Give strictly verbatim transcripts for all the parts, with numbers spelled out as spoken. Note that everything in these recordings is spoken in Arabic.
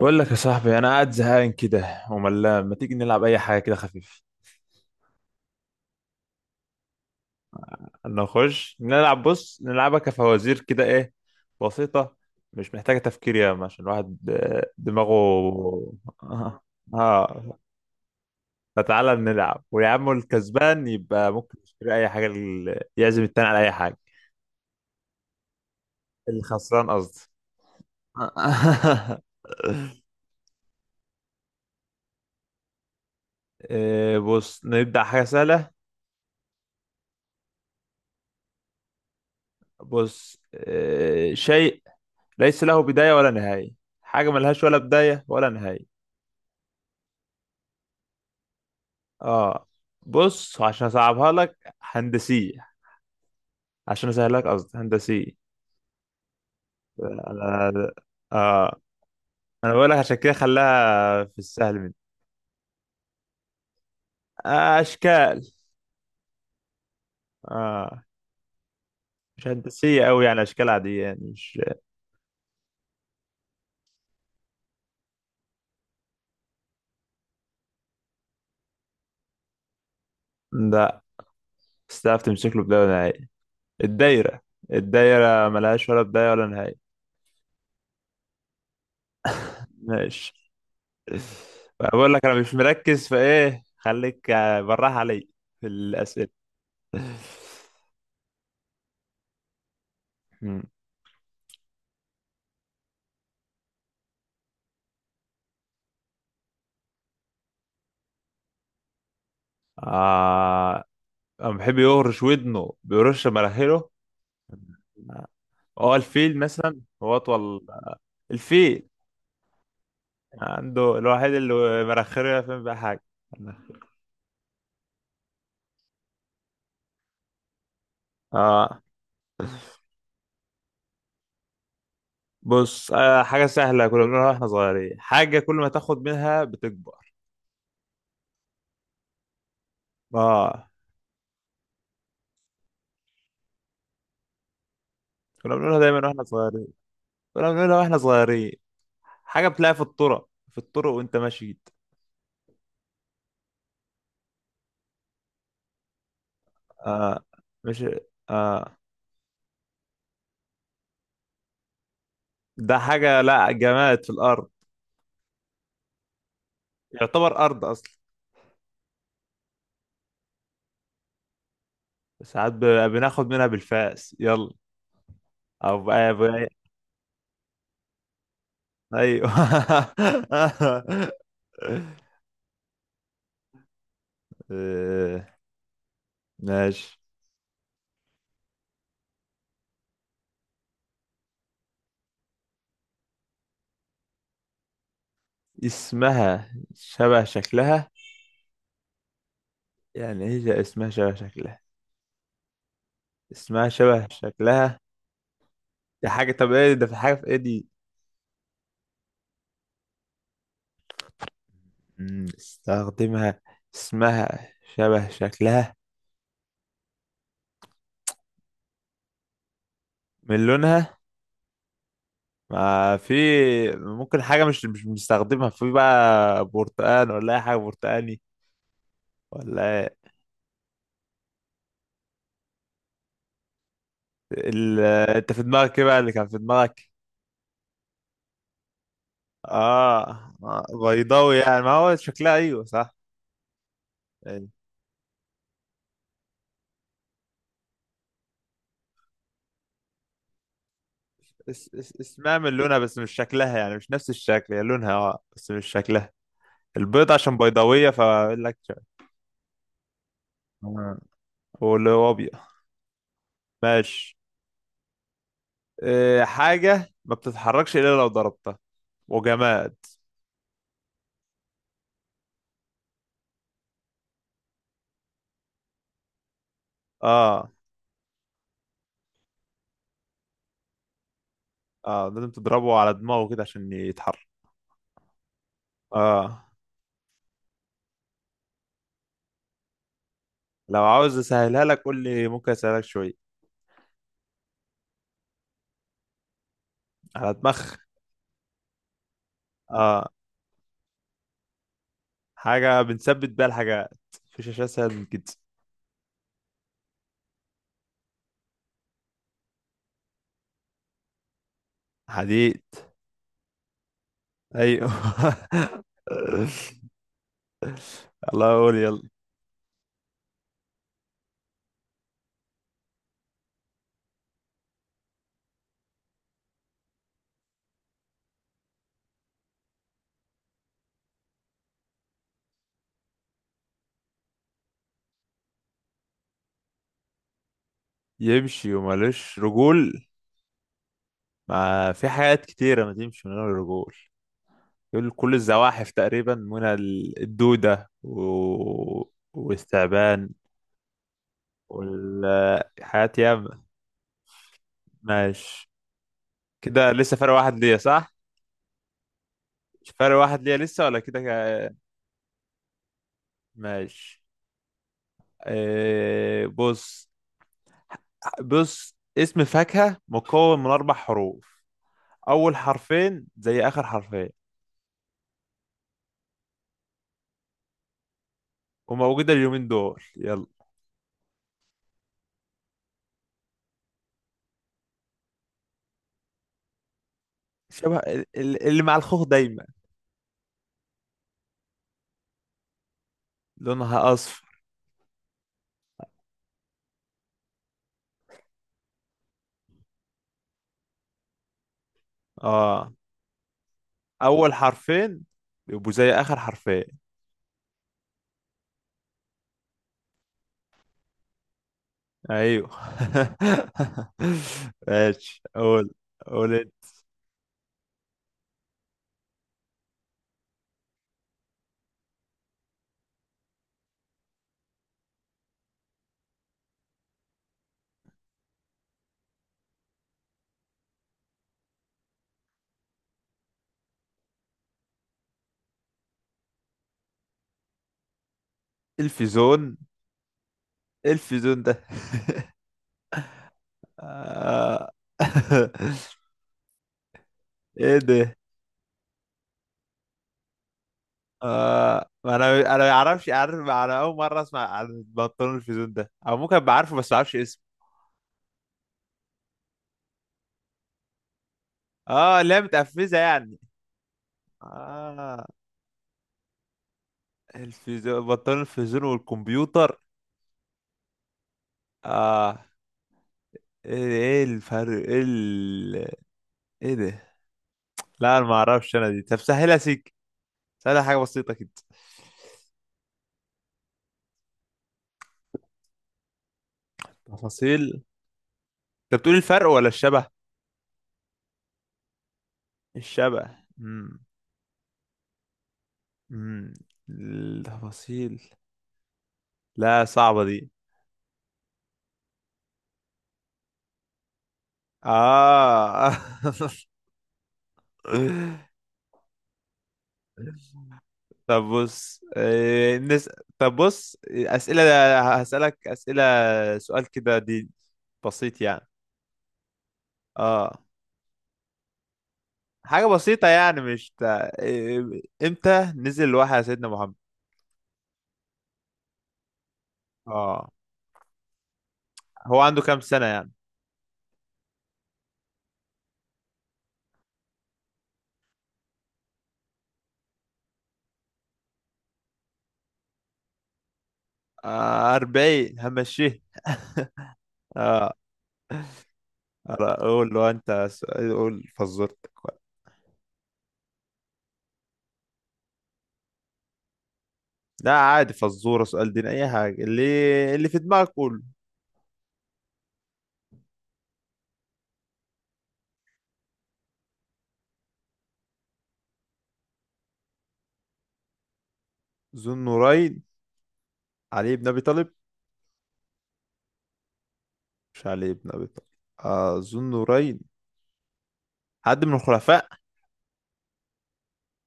بقول لك يا صاحبي، انا قاعد زهقان كده وملان. ما تيجي نلعب اي حاجه كده خفيف؟ نخش نلعب. بص، نلعبها كفوازير كده، ايه؟ بسيطه. مش محتاجه تفكير ياما عشان الواحد آه، دماغه اه. آه. فتعالى نلعب، ويا عم، الكسبان يبقى ممكن يشتري اي حاجه، ال- يعزم التاني على اي حاجه. الخسران، قصدي. آه، بص، نبدا حاجه سهله. بص، آه، شيء ليس له بداية ولا نهاية. حاجة ملهاش ولا بداية ولا نهاية. اه. بص، عشان اصعبها لك هندسية. عشان اسهلها لك، قصدي، هندسية. انا اه انا بقول لك عشان كده خلاها في السهل مني. آه اشكال. اه. مش هندسية قوي، يعني اشكال عادية، يعني مش. لا. بس تعرف تمسك له بداية ولا نهاية؟ الدايرة. الدايرة ملهاش ولا بداية ولا نهاية. ماشي. بقول لك انا مش مركز، فايه خليك آه، براح علي في الاسئلة. مم. آه. أما بيحب يهرش ودنه بيرش مراحله. هو الفيل مثلا. هو أطول. الفيل عنده الوحيد اللي مراخيره يفهم بقى حاجة. آه بص، آه حاجة سهلة كنا بنقولها واحنا صغيرين. حاجة كل ما تاخد منها بتكبر. اه. كنا بنقولها دايما واحنا صغيرين. كنا بنقولها واحنا صغيرين. حاجة بتلاقيها في الطرق في الطرق وانت ماشي. آه مش. آه ده حاجة، لا جماد في الأرض. يعتبر ارض اصلا. ساعات ب- بناخد منها بالفاس، يلا. او ب- ب- ايوه. آه، ماشي. اسمها شبه شكلها. يعني ايه ده، اسمها شبه شكلها؟ اسمها شبه شكلها. دي حاجة. طب ايه ده؟ في حاجة، في ايه دي؟ مم، استخدمها. اسمها شبه شكلها. من لونها. ما في، ممكن حاجة مش مش بنستخدمها، في بقى برتقال ولا أي حاجة برتقاني، ولا ال... انت في دماغك ايه بقى؟ اللي كان في دماغك. اه. آه، بيضاوي يعني ما هو شكلها، ايوه صح. يعني اس... اس... اسمها من لونها بس مش شكلها، يعني مش نفس الشكل، هي لونها اه بس مش شكلها. البيض عشان بيضاوية، فاقول لك شك- آه. واللي هو ابيض. ماشي. إيه حاجة ما بتتحركش الا لو ضربتها، وجماد. اه، اه، لازم تضربه على دماغه كده عشان يتحرك. اه. لو عاوز اسهلها لك قول لي، ممكن اسهلك شوية. على دماغ. اه. حاجة بنثبت بيها الحاجات. مفيش أشياء أسهل من كده. حديد. أيوه. الله يقول، يلا. يمشي ومالوش رجول؟ ما في حاجات كتيرة ما تمشي من غير رجول. يقول كل الزواحف تقريبا، من ال- الدودة و... والثعبان. والحاجات ياما. ماشي. كده لسه فرق واحد ليا، صح؟ مش فرق واحد ليا لسه، ولا كده كده- ماشي. إيه، بص. بص، اسم فاكهة مكون من أربع حروف. أول حرفين زي آخر حرفين. وموجودة اليومين دول، يلا. شبه ال- ال- اللي مع الخوخ دايما. لونها أصفر. آه أول حرفين يبقوا زي آخر حرفين. أيوه. ماشي، قول. قول انت. الفيزون؟ الفيزون ده؟ آه. ايه ده؟ آه ما انا انا ما يعرفش، عارف انا اول مره اسمع عن البنطلون الفيزون ده، او ممكن ابقى عارفه بس ما اعرفش اسمه. اه، اللي هي متقفزه يعني. اه. الفيزون، بنطلون الفيزون والكمبيوتر. اه. ايه ايه الفرق، ايه ال... ايه ده؟ لا انا ما اعرفش، انا دي. طب سهلها سيك. سهلها حاجه بسيطه كده. تفاصيل. انت بتقول الفرق ولا الشبه؟ الشبه. امم امم التفاصيل. لا، صعبة دي. اه. طب بص. آه، نس... طب بص، أسئلة. هسألك أسئلة. سؤال كده دي، بسيط يعني. اه. حاجة بسيطة يعني مش تا... إيه- امتى نزل الوحي على سيدنا محمد؟ اه. هو عنده كام سنة يعني؟ آه، أربعين همشيه. اه. أرا- قول له انت سؤال، قول فزورتك بقى. لا عادي، فزورة، سؤال دين، أي حاجة اللي اللي في دماغك قول. ذو النورين. علي بن أبي طالب. مش علي بن أبي طالب. أظن نورين. حد من الخلفاء.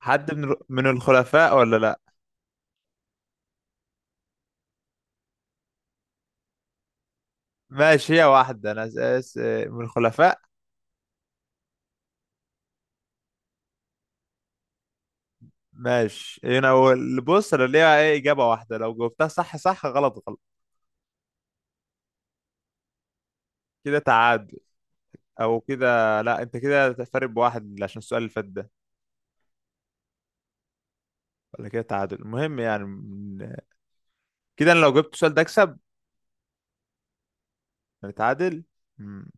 حد من من الخلفاء ولا لا؟ ماشي هي واحدة، أنا أساس من الخلفاء. ماشي، هنا هو اللي، بص، أنا ليها إيه؟ إجابة واحدة، لو جاوبتها صح صح، غلط غلط. كده تعادل. أو كده لا، أنت كده فارق بواحد عشان السؤال اللي فات ده. ولا كده تعادل، المهم يعني من- كده أنا لو جبت السؤال ده أكسب. نتعادل. مم.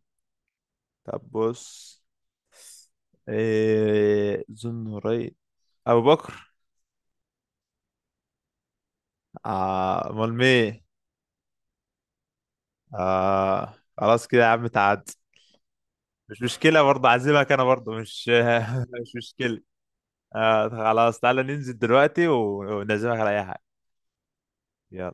طب بص، إيه ذو النورين؟ أبو بكر. آه، امال مين؟ آه، خلاص كده يا عم، تعاد. مش مشكلة، برضه عازمك انا، برضه مش. مش مشكلة. آه خلاص، تعالى ننزل دلوقتي ونعزمك على اي حاجة. يلا.